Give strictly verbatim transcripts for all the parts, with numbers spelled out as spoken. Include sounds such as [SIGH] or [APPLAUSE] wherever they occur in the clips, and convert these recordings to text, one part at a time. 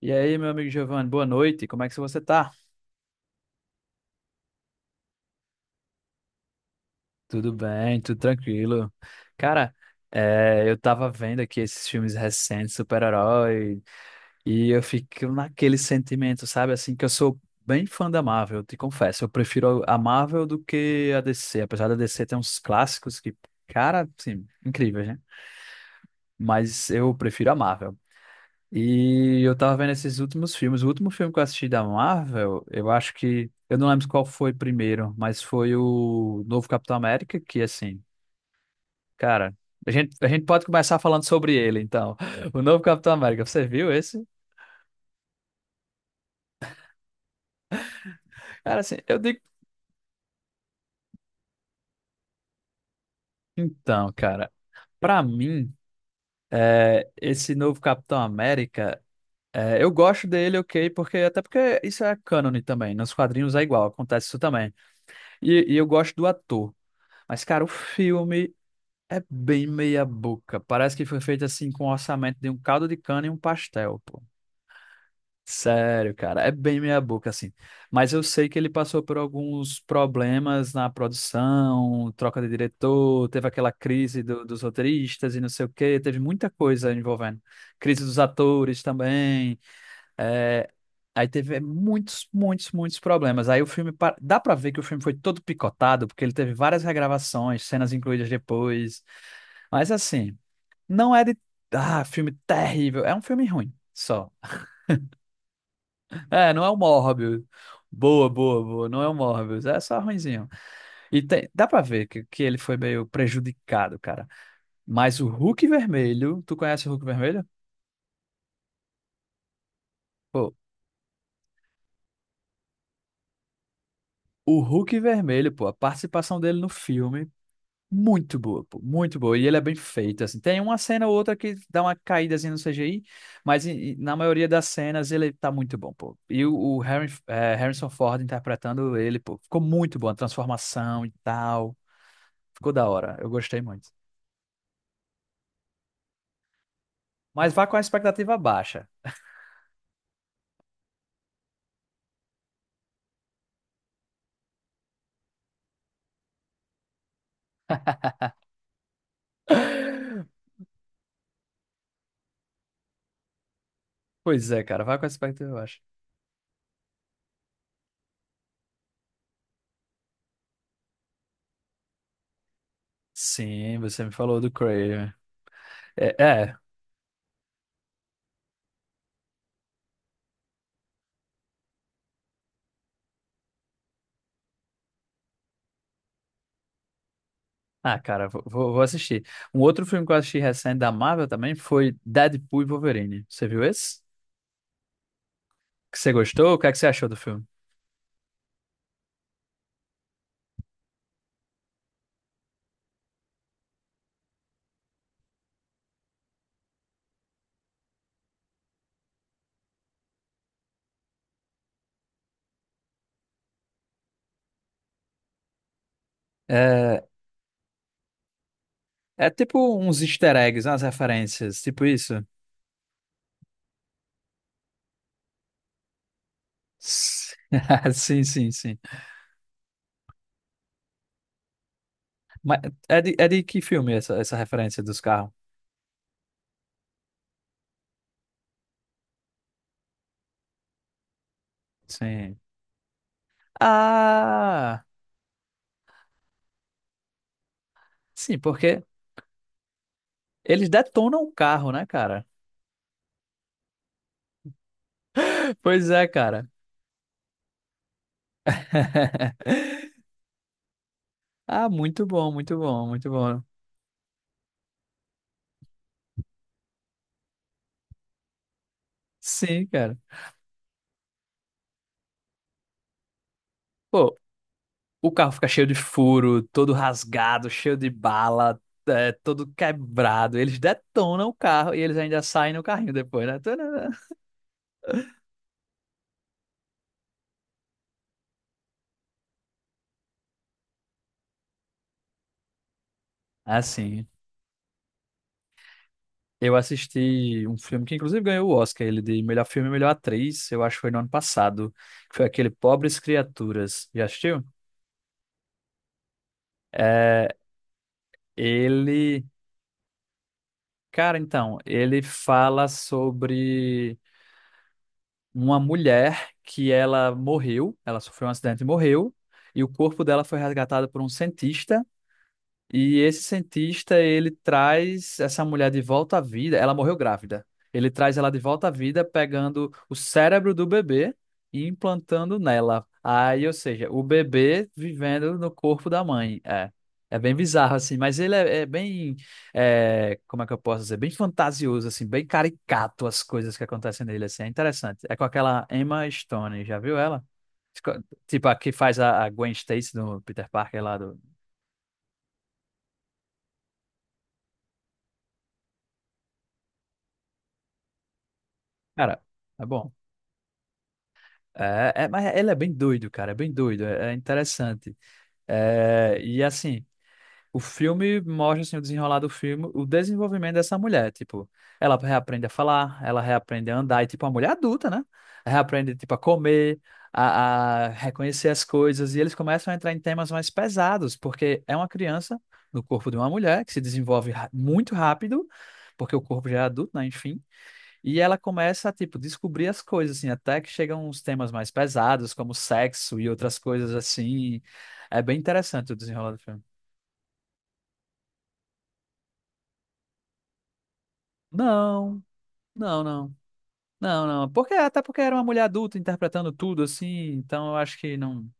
E aí, meu amigo Giovanni, boa noite. Como é que você tá? Tudo bem, tudo tranquilo. Cara, é, eu tava vendo aqui esses filmes recentes, super-herói, e eu fico naquele sentimento, sabe? Assim, que eu sou bem fã da Marvel, eu te confesso. Eu prefiro a Marvel do que a D C. Apesar da D C ter uns clássicos que, cara, assim, incríveis, né? Mas eu prefiro a Marvel. E eu tava vendo esses últimos filmes. O último filme que eu assisti da Marvel, eu acho que. Eu não lembro qual foi primeiro, mas foi o novo Capitão América, que assim, cara, a gente, a gente pode começar falando sobre ele, então. [LAUGHS] O novo Capitão América, você viu esse? Cara, assim, eu digo. Então, cara, pra mim, é, esse novo Capitão América. É, eu gosto dele, ok, porque até porque isso é cânone também, nos quadrinhos é igual, acontece isso também. e e eu gosto do ator. Mas, cara, o filme é bem meia boca. Parece que foi feito assim com o orçamento de um caldo de cana e um pastel, pô. Sério, cara, é bem meia boca assim. Mas eu sei que ele passou por alguns problemas na produção, troca de diretor, teve aquela crise do- dos roteiristas e não sei o quê, teve muita coisa envolvendo. Crise dos atores também. é, Aí teve muitos, muitos, muitos problemas. Aí o filme, pa- dá pra ver que o filme foi todo picotado, porque ele teve várias regravações, cenas incluídas depois. Mas assim. Não é de. Ah, filme terrível. É um filme ruim, só. É, não é o Morbius. Boa, boa, boa. Não é o Morbius. É só ruinzinho. E tem- dá pra ver que, que ele foi meio prejudicado, cara. Mas o Hulk Vermelho. Tu conhece o Hulk Vermelho? Pô, o Hulk Vermelho, pô, a participação dele no filme. Muito boa, pô, muito boa. E ele é bem feito, assim. Tem uma cena ou outra que dá uma caída assim, no C G I, mas em- em- na maioria das cenas ele tá muito bom, pô. E o, o Harry, é, Harrison Ford interpretando ele, pô, ficou muito bom. A transformação e tal. Ficou da hora. Eu gostei muito. Mas vá com a expectativa baixa. [LAUGHS] Pois é, cara, vá com a expectativa baixa. Sim, você me falou do Craven. É, é. Ah, cara, vou, vou vou assistir. Um outro filme que eu assisti recente da Marvel também foi Deadpool e Wolverine. Você viu esse? Que você gostou? O que é que você achou do filme? É, é tipo uns easter eggs, umas referências, tipo isso. S- [LAUGHS] Sim, sim, sim. Mas é de, é de que filme essa, essa referência dos carros? Sim. Ah, sim, porque eles detonam o carro, né, cara? [LAUGHS] Pois é, cara. [LAUGHS] Ah, muito bom, muito bom, muito bom. Sim, cara. Pô, o carro fica cheio de furo, todo rasgado, cheio de bala, é, todo quebrado. Eles detonam o carro e eles ainda saem no carrinho depois, né? Tanana. Assim, eu assisti um filme que inclusive ganhou o Oscar, ele de melhor filme e melhor atriz, eu acho que foi no ano passado, que foi aquele Pobres Criaturas. Já assistiu? É, ele... Cara, então, ele fala sobre uma mulher que ela morreu, ela sofreu um acidente e morreu, e o corpo dela foi resgatado por um cientista. E esse cientista, ele traz essa mulher de volta à vida. Ela morreu grávida. Ele traz ela de volta à vida, pegando o cérebro do bebê e implantando nela. Aí, ou seja, o bebê vivendo no corpo da mãe. É, é bem bizarro, assim. Mas ele é, é bem, é, como é que eu posso dizer? Bem fantasioso, assim. Bem caricato as coisas que acontecem nele, assim. É interessante. É com aquela Emma Stone. Já viu ela? Tipo, a que faz a a Gwen Stacy do Peter Parker lá do... Cara, é bom. É, é, mas ele é bem doido, cara, é bem doido, é, é interessante. É, e assim, o filme mostra assim, o desenrolar do filme, o desenvolvimento dessa mulher, tipo, ela reaprende a falar, ela reaprende a andar, e tipo, uma mulher adulta, né? Reaprende, tipo, a comer, a, a reconhecer as coisas, e eles começam a entrar em temas mais pesados, porque é uma criança no corpo de uma mulher que se desenvolve ra- muito rápido, porque o corpo já é adulto, né? Enfim. E ela começa a, tipo, descobrir as coisas, assim, até que chegam uns temas mais pesados, como sexo e outras coisas assim. É bem interessante o desenrolar do filme. Não, não, não. Não, não. Porque, até porque era uma mulher adulta interpretando tudo, assim, então eu acho que não,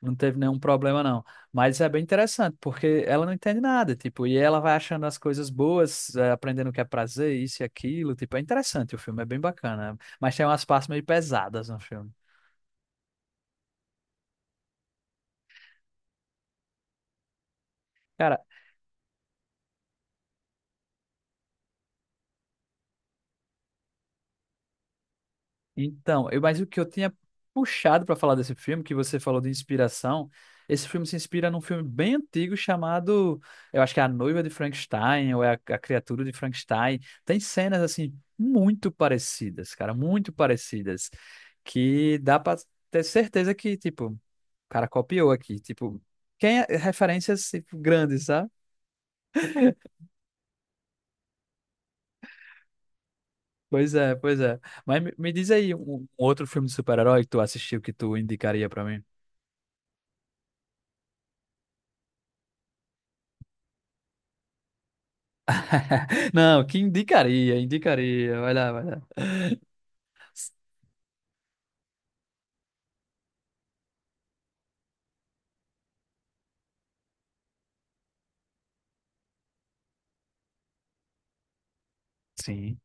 não teve nenhum problema, não. Mas é bem interessante, porque ela não entende nada, tipo, e ela vai achando as coisas boas, eh, aprendendo o que é prazer, isso e aquilo, tipo, é interessante o filme, é bem bacana. Mas tem umas partes meio pesadas no filme. Cara, então, eu, mas o que eu tinha puxado para falar desse filme, que você falou de inspiração, esse filme se inspira num filme bem antigo chamado, eu acho que é A Noiva de Frankenstein, ou é a, a Criatura de Frankenstein. Tem cenas, assim, muito parecidas, cara, muito parecidas, que dá para ter certeza que, tipo, o cara copiou aqui, tipo, quem é, referências, tipo, grandes, sabe? Pois é, pois é. Mas me, me diz aí um, um outro filme de super-herói que tu assistiu que tu indicaria para mim. Não, que indicaria, indicaria. Vai lá, vai lá. Sim.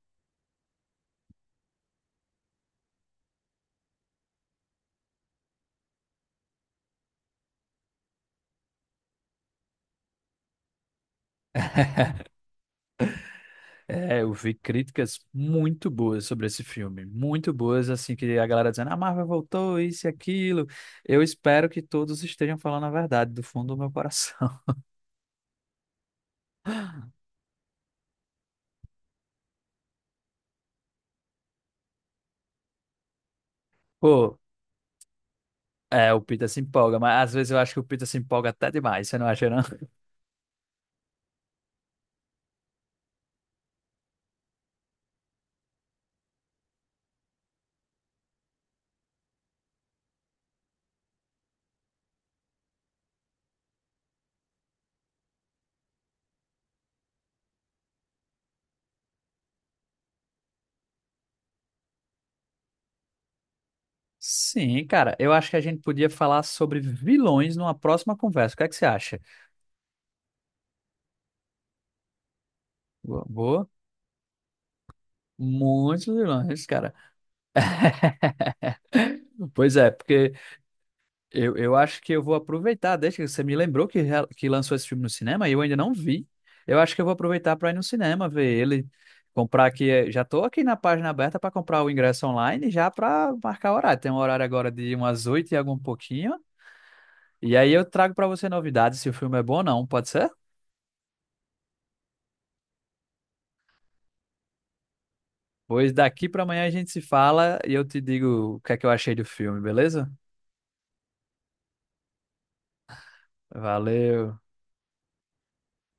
É, eu vi críticas muito boas sobre esse filme, muito boas, assim, que a galera dizendo, a Marvel voltou, isso e aquilo. Eu espero que todos estejam falando a verdade do fundo do meu coração. [LAUGHS] Pô, é, o Peter se empolga, mas às vezes eu acho que o Peter se empolga até demais, você não acha, não? [LAUGHS] Sim, cara, eu acho que a gente podia falar sobre vilões numa próxima conversa. O que é que você acha? Boa, boa. Muitos vilões, cara. [LAUGHS] Pois é, porque eu, eu acho que eu vou aproveitar, desde que você me lembrou que, rea- que lançou esse filme no cinema e eu ainda não vi. Eu acho que eu vou aproveitar para ir no cinema ver ele, comprar aqui. eh, Já tô aqui na página aberta para comprar o ingresso online já para marcar o horário. Tem um horário agora de umas oito e algum pouquinho. E aí eu trago para você novidades se o filme é bom ou não, pode ser? Pois daqui para amanhã a gente se fala e eu te digo o que é que eu achei do filme, beleza? Valeu.